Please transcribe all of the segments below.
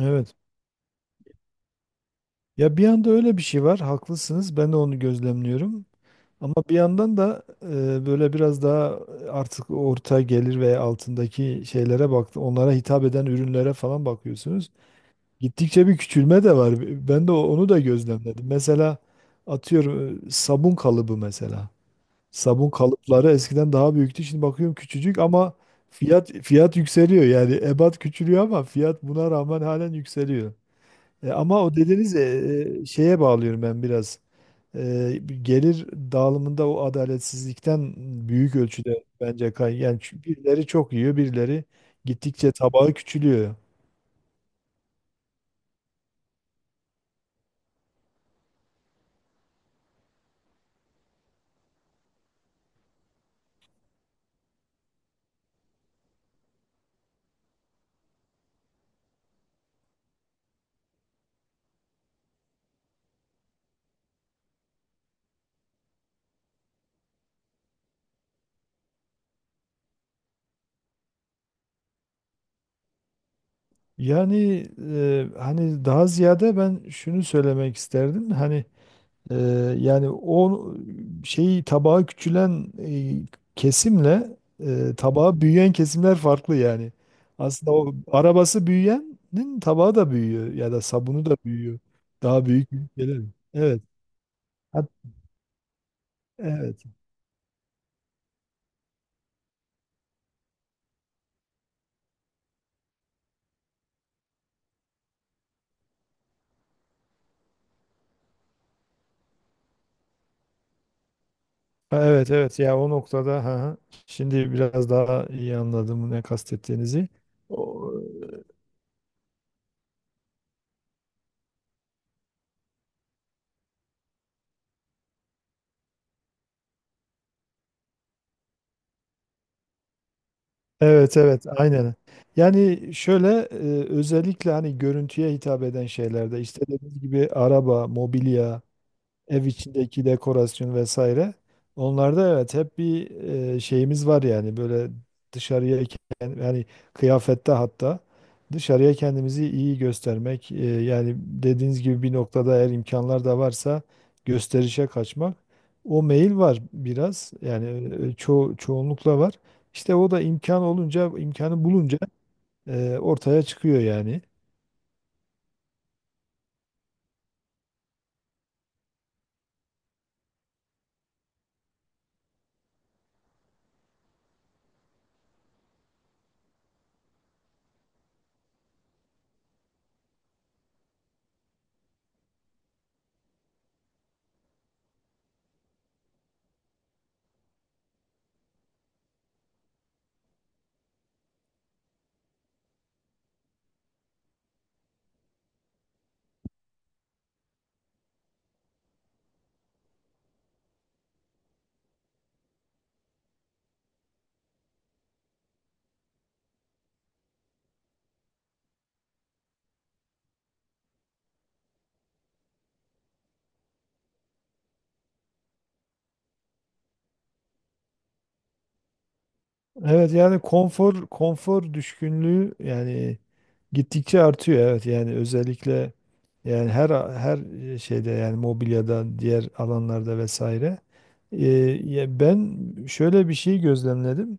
Evet. Ya bir yanda öyle bir şey var. Haklısınız. Ben de onu gözlemliyorum. Ama bir yandan da böyle biraz daha artık orta gelir ve altındaki şeylere baktı, onlara hitap eden ürünlere falan bakıyorsunuz. Gittikçe bir küçülme de var. Ben de onu da gözlemledim. Mesela atıyorum, sabun kalıbı mesela. Sabun kalıpları eskiden daha büyüktü. Şimdi bakıyorum küçücük ama fiyat yükseliyor. Yani ebat küçülüyor ama fiyat buna rağmen halen yükseliyor. Ama o dediğiniz şeye bağlıyorum ben biraz. Gelir dağılımında o adaletsizlikten büyük ölçüde bence kay, yani çünkü birileri çok yiyor, birileri gittikçe tabağı küçülüyor. Yani, hani daha ziyade ben şunu söylemek isterdim. Ee, Yani o şeyi, tabağı küçülen kesimle, tabağı büyüyen kesimler farklı yani. Aslında o arabası büyüyenin tabağı da büyüyor ya da sabunu da büyüyor. Daha büyük büyük gelir. Evet. Hat- evet. Ha, evet, evet, ya o noktada, ha, ha. Şimdi biraz daha iyi anladım ne kastettiğinizi. Evet, evet, aynen. Yani şöyle, özellikle hani görüntüye hitap eden şeylerde işte dediğiniz gibi araba, mobilya, ev içindeki dekorasyon vesaire. Onlarda evet, hep bir şeyimiz var yani, böyle dışarıya yani kıyafette hatta dışarıya kendimizi iyi göstermek, yani dediğiniz gibi bir noktada eğer imkanlar da varsa gösterişe kaçmak. O meyil var biraz yani, e, ço çoğunlukla var. İşte o da imkan olunca, imkanı bulunca ortaya çıkıyor yani. Evet yani konfor, düşkünlüğü yani. Gittikçe artıyor, evet, yani özellikle, yani her şeyde yani, mobilyada, diğer alanlarda vesaire. Ee, Ya ben şöyle bir şey gözlemledim.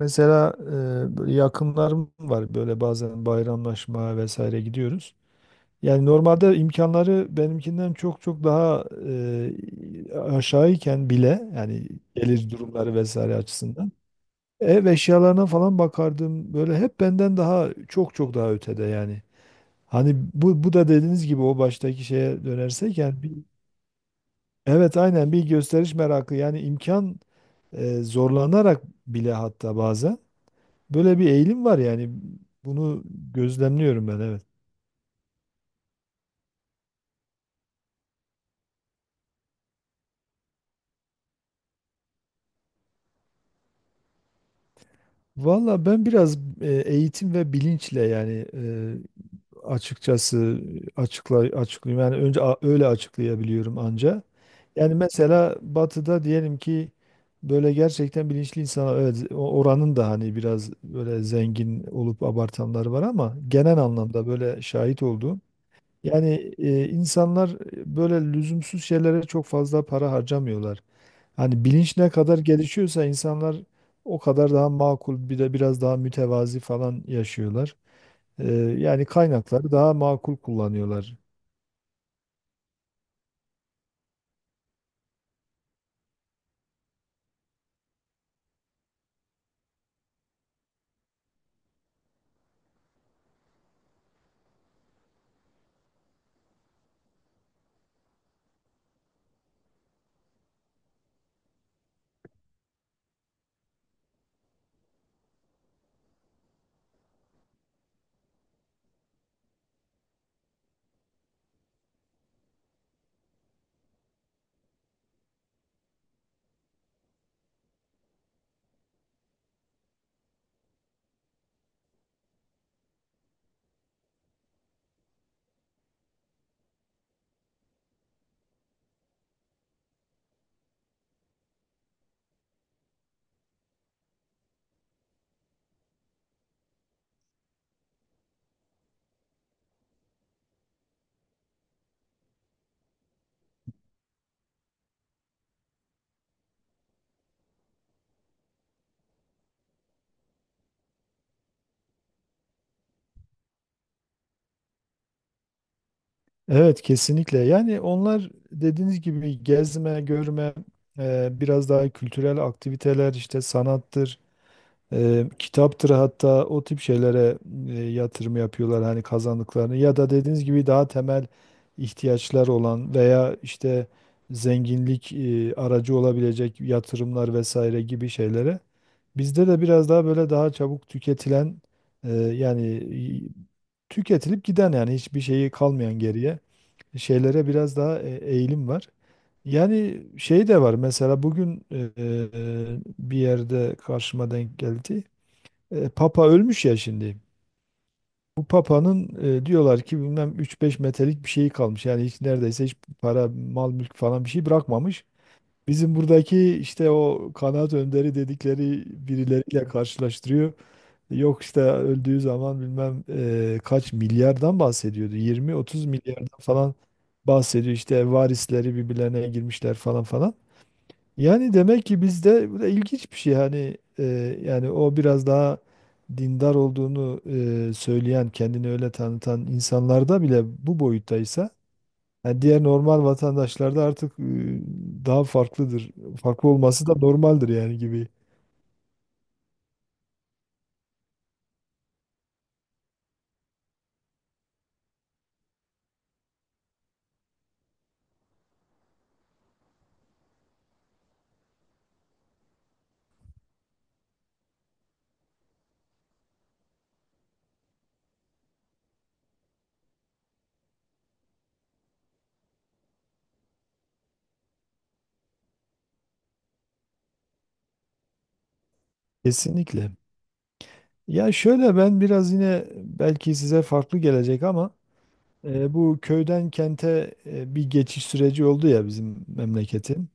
Mesela böyle yakınlarım var, böyle bazen bayramlaşma vesaire gidiyoruz. Yani normalde imkanları benimkinden çok çok daha aşağıyken bile yani, gelir durumları vesaire açısından, ev eşyalarına falan bakardım böyle, hep benden daha çok çok daha ötede yani. Hani bu da dediğiniz gibi o baştaki şeye dönersek, yani bir, evet aynen, bir gösteriş merakı yani, imkan zorlanarak bile hatta bazen böyle bir eğilim var yani, bunu gözlemliyorum ben, evet. Valla ben biraz eğitim ve bilinçle yani açıkçası açıklayayım yani, önce öyle açıklayabiliyorum anca. Yani mesela batıda diyelim ki, böyle gerçekten bilinçli insanlar, evet oranın da hani biraz böyle zengin olup abartanlar var ama, genel anlamda böyle şahit olduğum, yani insanlar böyle lüzumsuz şeylere çok fazla para harcamıyorlar. Hani bilinç ne kadar gelişiyorsa, insanlar o kadar daha makul, bir de biraz daha mütevazi falan yaşıyorlar. E, Yani kaynakları daha makul kullanıyorlar. Evet kesinlikle. Yani onlar dediğiniz gibi gezme, görme, biraz daha kültürel aktiviteler, işte sanattır, kitaptır, hatta o tip şeylere yatırım yapıyorlar hani kazandıklarını, ya da dediğiniz gibi daha temel ihtiyaçlar olan, veya işte zenginlik aracı olabilecek yatırımlar vesaire gibi şeylere. Bizde de biraz daha böyle, daha çabuk tüketilen yani tüketilip giden, yani hiçbir şeyi kalmayan geriye, şeylere biraz daha eğilim var. Yani şey de var, mesela bugün bir yerde karşıma denk geldi. Papa ölmüş ya şimdi. Bu Papa'nın diyorlar ki bilmem üç beş metrelik bir şeyi kalmış. Yani hiç, neredeyse hiç para, mal, mülk falan bir şey bırakmamış. Bizim buradaki işte o kanaat önderi dedikleri birileriyle karşılaştırıyor. Yok işte öldüğü zaman bilmem kaç milyardan bahsediyordu. 20-30 milyardan falan bahsediyor. İşte varisleri birbirlerine girmişler falan falan. Yani demek ki bizde bu da ilginç bir şey. Hani yani o biraz daha dindar olduğunu, söyleyen, kendini öyle tanıtan insanlarda bile bu boyuttaysa, yani diğer normal vatandaşlarda artık daha farklıdır. Farklı olması da normaldir yani, gibi. Kesinlikle. Ya şöyle, ben biraz yine belki size farklı gelecek ama bu köyden kente bir geçiş süreci oldu ya bizim memleketin.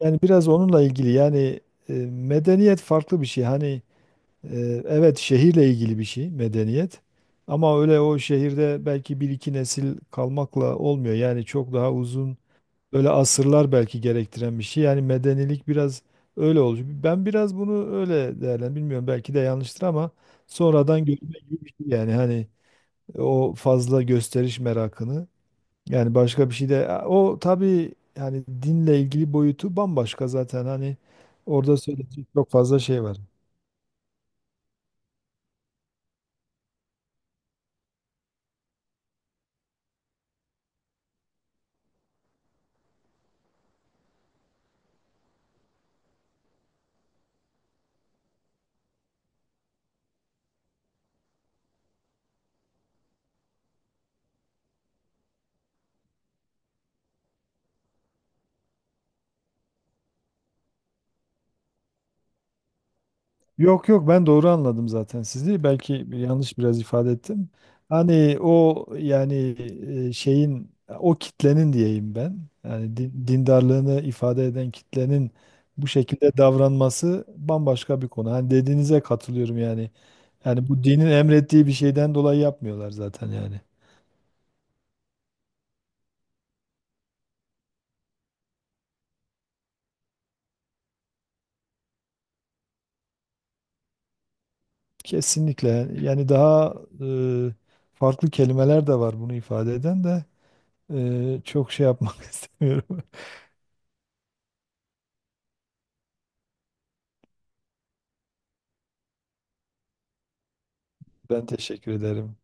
Yani biraz onunla ilgili yani, medeniyet farklı bir şey. Hani e, evet, şehirle ilgili bir şey medeniyet. Ama öyle o şehirde belki bir iki nesil kalmakla olmuyor. Yani çok daha uzun, böyle asırlar belki gerektiren bir şey. Yani medenilik biraz öyle oluyor. Ben biraz bunu öyle değerlendim. Bilmiyorum, belki de yanlıştır ama, sonradan görme gibi bir şey yani, hani o fazla gösteriş merakını, yani başka bir şey de o tabii, yani dinle ilgili boyutu bambaşka zaten, hani orada söyleyecek çok fazla şey var. Yok yok, ben doğru anladım zaten sizi. Belki yanlış biraz ifade ettim. Hani o yani şeyin, o kitlenin diyeyim ben. Yani dindarlığını ifade eden kitlenin bu şekilde davranması bambaşka bir konu. Hani dediğinize katılıyorum yani. Yani bu dinin emrettiği bir şeyden dolayı yapmıyorlar zaten yani. Kesinlikle. Yani daha e, farklı kelimeler de var bunu ifade eden de, çok şey yapmak istemiyorum. Ben teşekkür ederim.